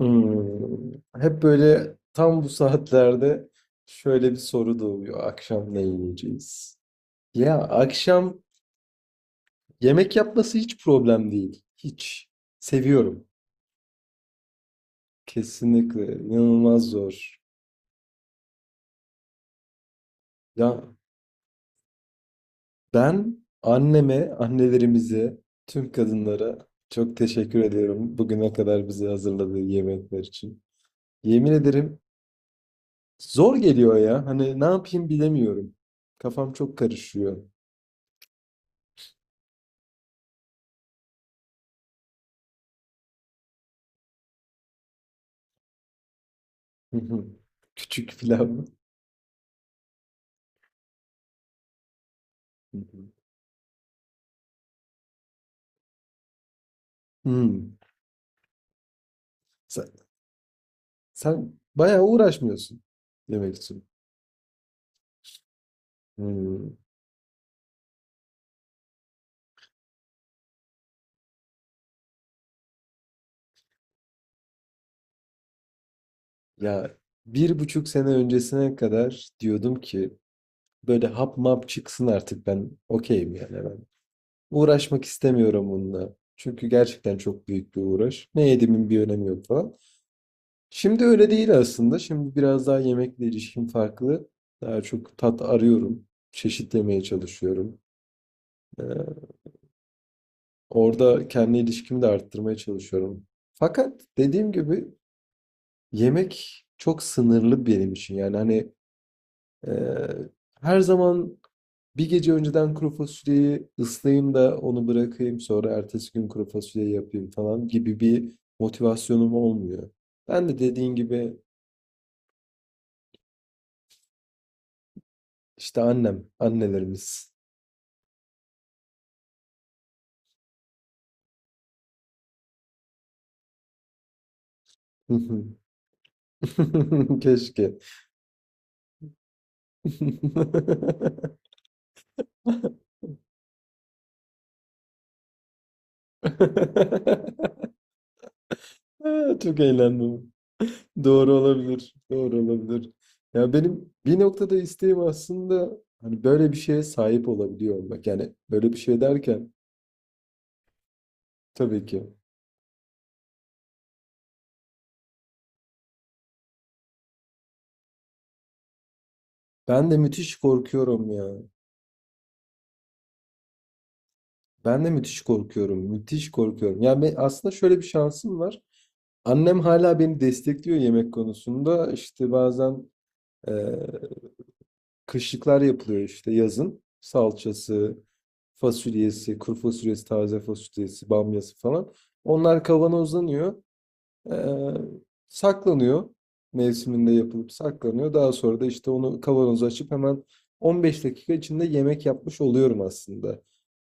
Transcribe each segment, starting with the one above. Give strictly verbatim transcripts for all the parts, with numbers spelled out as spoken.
Hımm. Hep böyle tam bu saatlerde şöyle bir soru doğuyor. Akşam ne yiyeceğiz? Ya akşam yemek yapması hiç problem değil. Hiç. Seviyorum. Kesinlikle. İnanılmaz zor. Ya ben anneme, annelerimize, tüm kadınlara çok teşekkür ediyorum. Bugüne kadar bize hazırladığı yemekler için. Yemin ederim zor geliyor ya. Hani ne yapayım bilemiyorum. Kafam çok karışıyor. Hı hı. Küçük pilav mı? Hı hı. Hmm. Sen, sen bayağı uğraşmıyorsun demek için. Hmm. Ya bir buçuk sene öncesine kadar diyordum ki böyle hap map çıksın artık ben okeyim yani ben. Uğraşmak istemiyorum bununla. Çünkü gerçekten çok büyük bir uğraş. Ne yediğimin bir önemi yok falan. Şimdi öyle değil aslında. Şimdi biraz daha yemekle ilişkim farklı. Daha çok tat arıyorum. Çeşitlemeye çalışıyorum. Ee, Orada kendi ilişkimi de arttırmaya çalışıyorum. Fakat dediğim gibi yemek çok sınırlı benim için. Yani hani e, her zaman bir gece önceden kuru fasulyeyi ıslayayım da onu bırakayım sonra ertesi gün kuru fasulye yapayım falan gibi bir motivasyonum olmuyor. Ben de dediğin gibi işte annem, annelerimiz. Keşke. Çok eğlendim. Doğru olabilir. Doğru olabilir. Ya benim bir noktada isteğim aslında hani böyle bir şeye sahip olabiliyor olmak. Yani böyle bir şey derken tabii ki. Ben de müthiş korkuyorum ya. Ben de müthiş korkuyorum. Müthiş korkuyorum. Yani ben- aslında şöyle bir şansım var. Annem hala beni destekliyor yemek konusunda. İşte bazen eee, kışlıklar yapılıyor işte yazın. Salçası, fasulyesi, kuru fasulyesi, taze fasulyesi, bamyası falan. Onlar kavanozlanıyor. Ee, saklanıyor. Mevsiminde yapılıp saklanıyor. Daha sonra da işte onu kavanoza açıp hemen on beş dakika içinde yemek yapmış oluyorum aslında.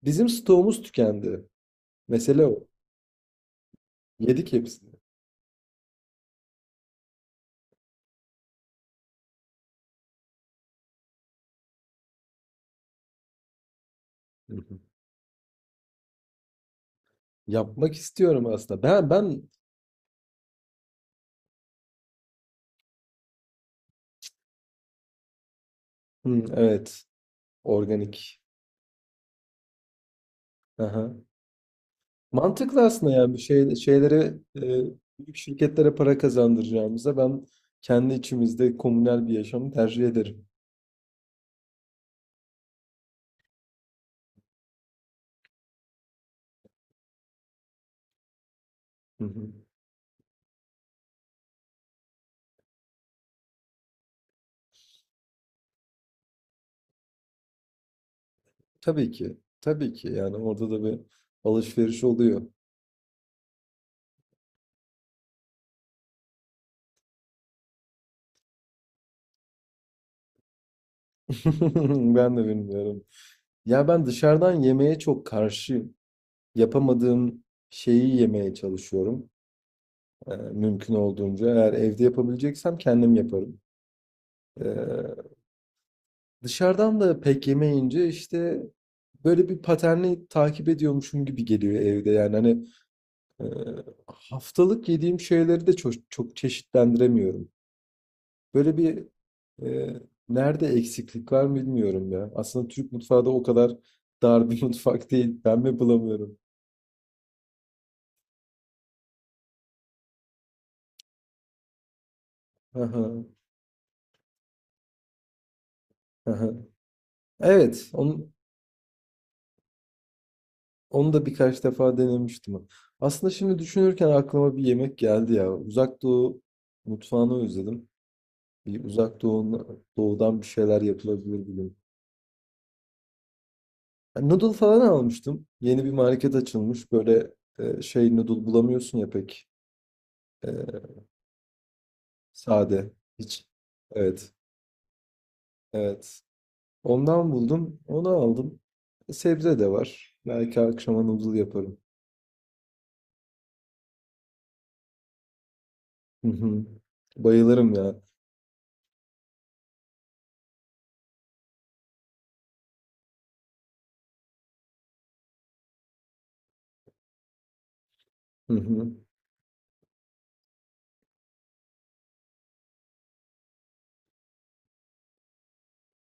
Bizim stoğumuz tükendi. Mesele o. Yedik hepsini. Hı hı. Yapmak istiyorum aslında. Ben ben Hı, evet organik. Aha. Mantıklı aslında yani bir şey şeylere e, büyük şirketlere para kazandıracağımıza ben kendi içimizde komünel bir yaşamı tercih ederim. Hı hı. Tabii ki. Tabii ki. Yani orada da bir alışveriş oluyor. Ben de bilmiyorum. Ya ben dışarıdan yemeğe çok karşıyım. Yapamadığım şeyi yemeye çalışıyorum. Ee, mümkün olduğunca. Eğer evde yapabileceksem kendim yaparım. Ee, dışarıdan da pek yemeyince işte böyle bir paterni takip ediyormuşum gibi geliyor evde. Yani hani e, haftalık yediğim şeyleri de çok, çok çeşitlendiremiyorum. Böyle bir e, nerede eksiklik var bilmiyorum ya. Aslında Türk mutfağı da o kadar dar bir mutfak değil. Ben mi bulamıyorum? Aha, aha. Evet, onu, onu da birkaç defa denemiştim. Aslında şimdi düşünürken aklıma bir yemek geldi ya. Uzak Doğu mutfağını özledim. Bir Uzak Doğu, Doğu'dan bir şeyler yapılabilir bugün. Yani noodle falan almıştım. Yeni bir market açılmış. Böyle e, şey noodle bulamıyorsun ya pek. E, sade. Hiç. Evet. Evet. Ondan buldum. Onu aldım. Sebze de var. Belki akşama noodle yaparım. Hı hı. Bayılırım ya. Hı hı.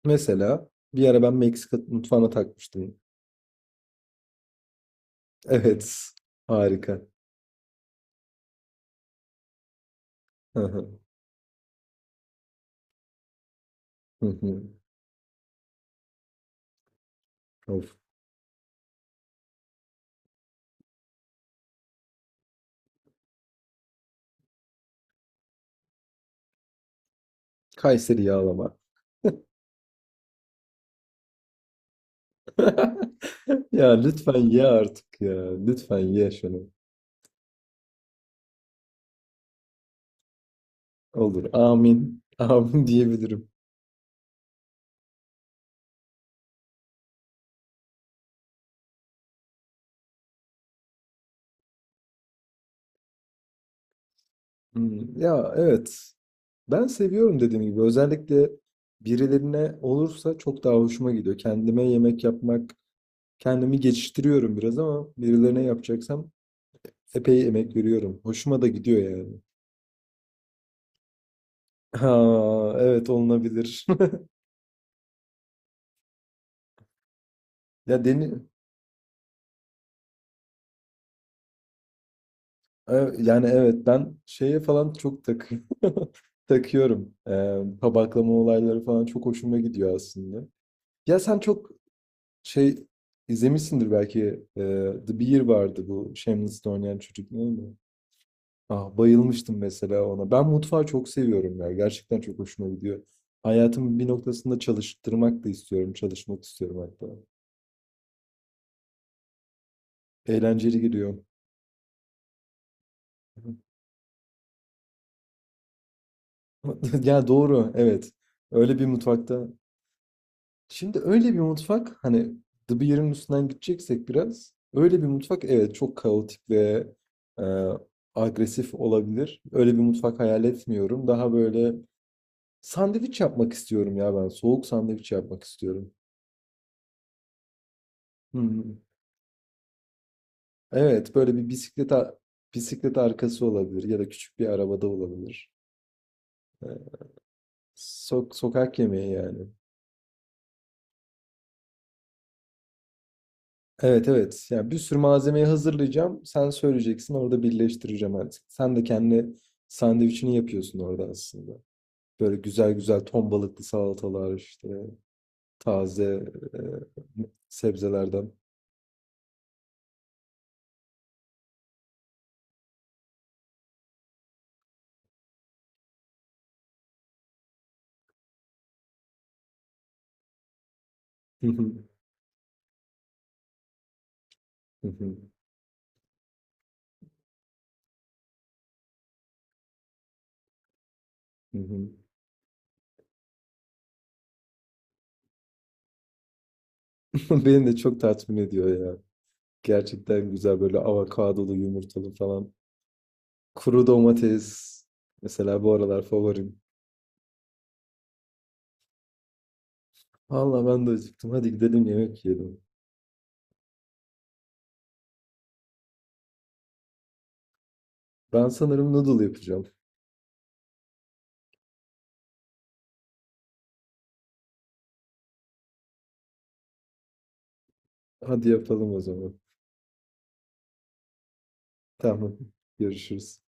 Mesela bir ara ben Meksika mutfağına takmıştım. Evet. Harika. Hı hı. Hı hı. Of. Kayseri yağlama. Ya lütfen ye artık ya. Lütfen ye şunu. Olur. Amin. Amin diyebilirim. Hı. Ya evet. Ben seviyorum dediğim gibi. Özellikle birilerine olursa çok daha hoşuma gidiyor. Kendime yemek yapmak, kendimi geçiştiriyorum biraz ama birilerine yapacaksam epey emek veriyorum. Hoşuma da gidiyor yani. Ha, evet olunabilir. Ya deni e, yani evet ben şeye falan çok tak takıyorum. Ee, tabaklama olayları falan çok hoşuma gidiyor aslında. Ya sen çok şey izlemişsindir belki e, The Bear vardı bu Shameless'te oynayan çocuk değil mi? Ah, bayılmıştım mesela ona. Ben mutfağı çok seviyorum ya. Gerçekten çok hoşuma gidiyor. Hayatımın bir noktasında çalıştırmak da istiyorum. Çalışmak istiyorum hatta. Eğlenceli geliyor. Ya doğru, evet. Öyle bir mutfakta. Şimdi öyle bir mutfak hani The Bear'ın üstünden gideceksek biraz. Öyle bir mutfak evet çok kaotik ve e, agresif olabilir. Öyle bir mutfak hayal etmiyorum. Daha böyle sandviç yapmak istiyorum ya ben. Soğuk sandviç yapmak istiyorum. Hı hı. Evet, böyle bir bisiklet a- bisiklet arkası olabilir ya da küçük bir arabada olabilir. Ee, sok sokak yemeği yani. Evet evet. Yani bir sürü malzemeyi hazırlayacağım. Sen söyleyeceksin, orada birleştireceğim artık. Sen de kendi sandviçini yapıyorsun orada aslında. Böyle güzel güzel ton balıklı salatalar işte taze e, sebzelerden. Hı hı, hı hı, hı hı. Beni de çok tatmin ediyor ya. Gerçekten güzel böyle avokadolu yumurtalı falan. Kuru domates. Mesela bu aralar favorim. Valla ben de acıktım. Hadi gidelim yemek yiyelim. Ben sanırım noodle yapacağım. Hadi yapalım o zaman. Tamam. Görüşürüz.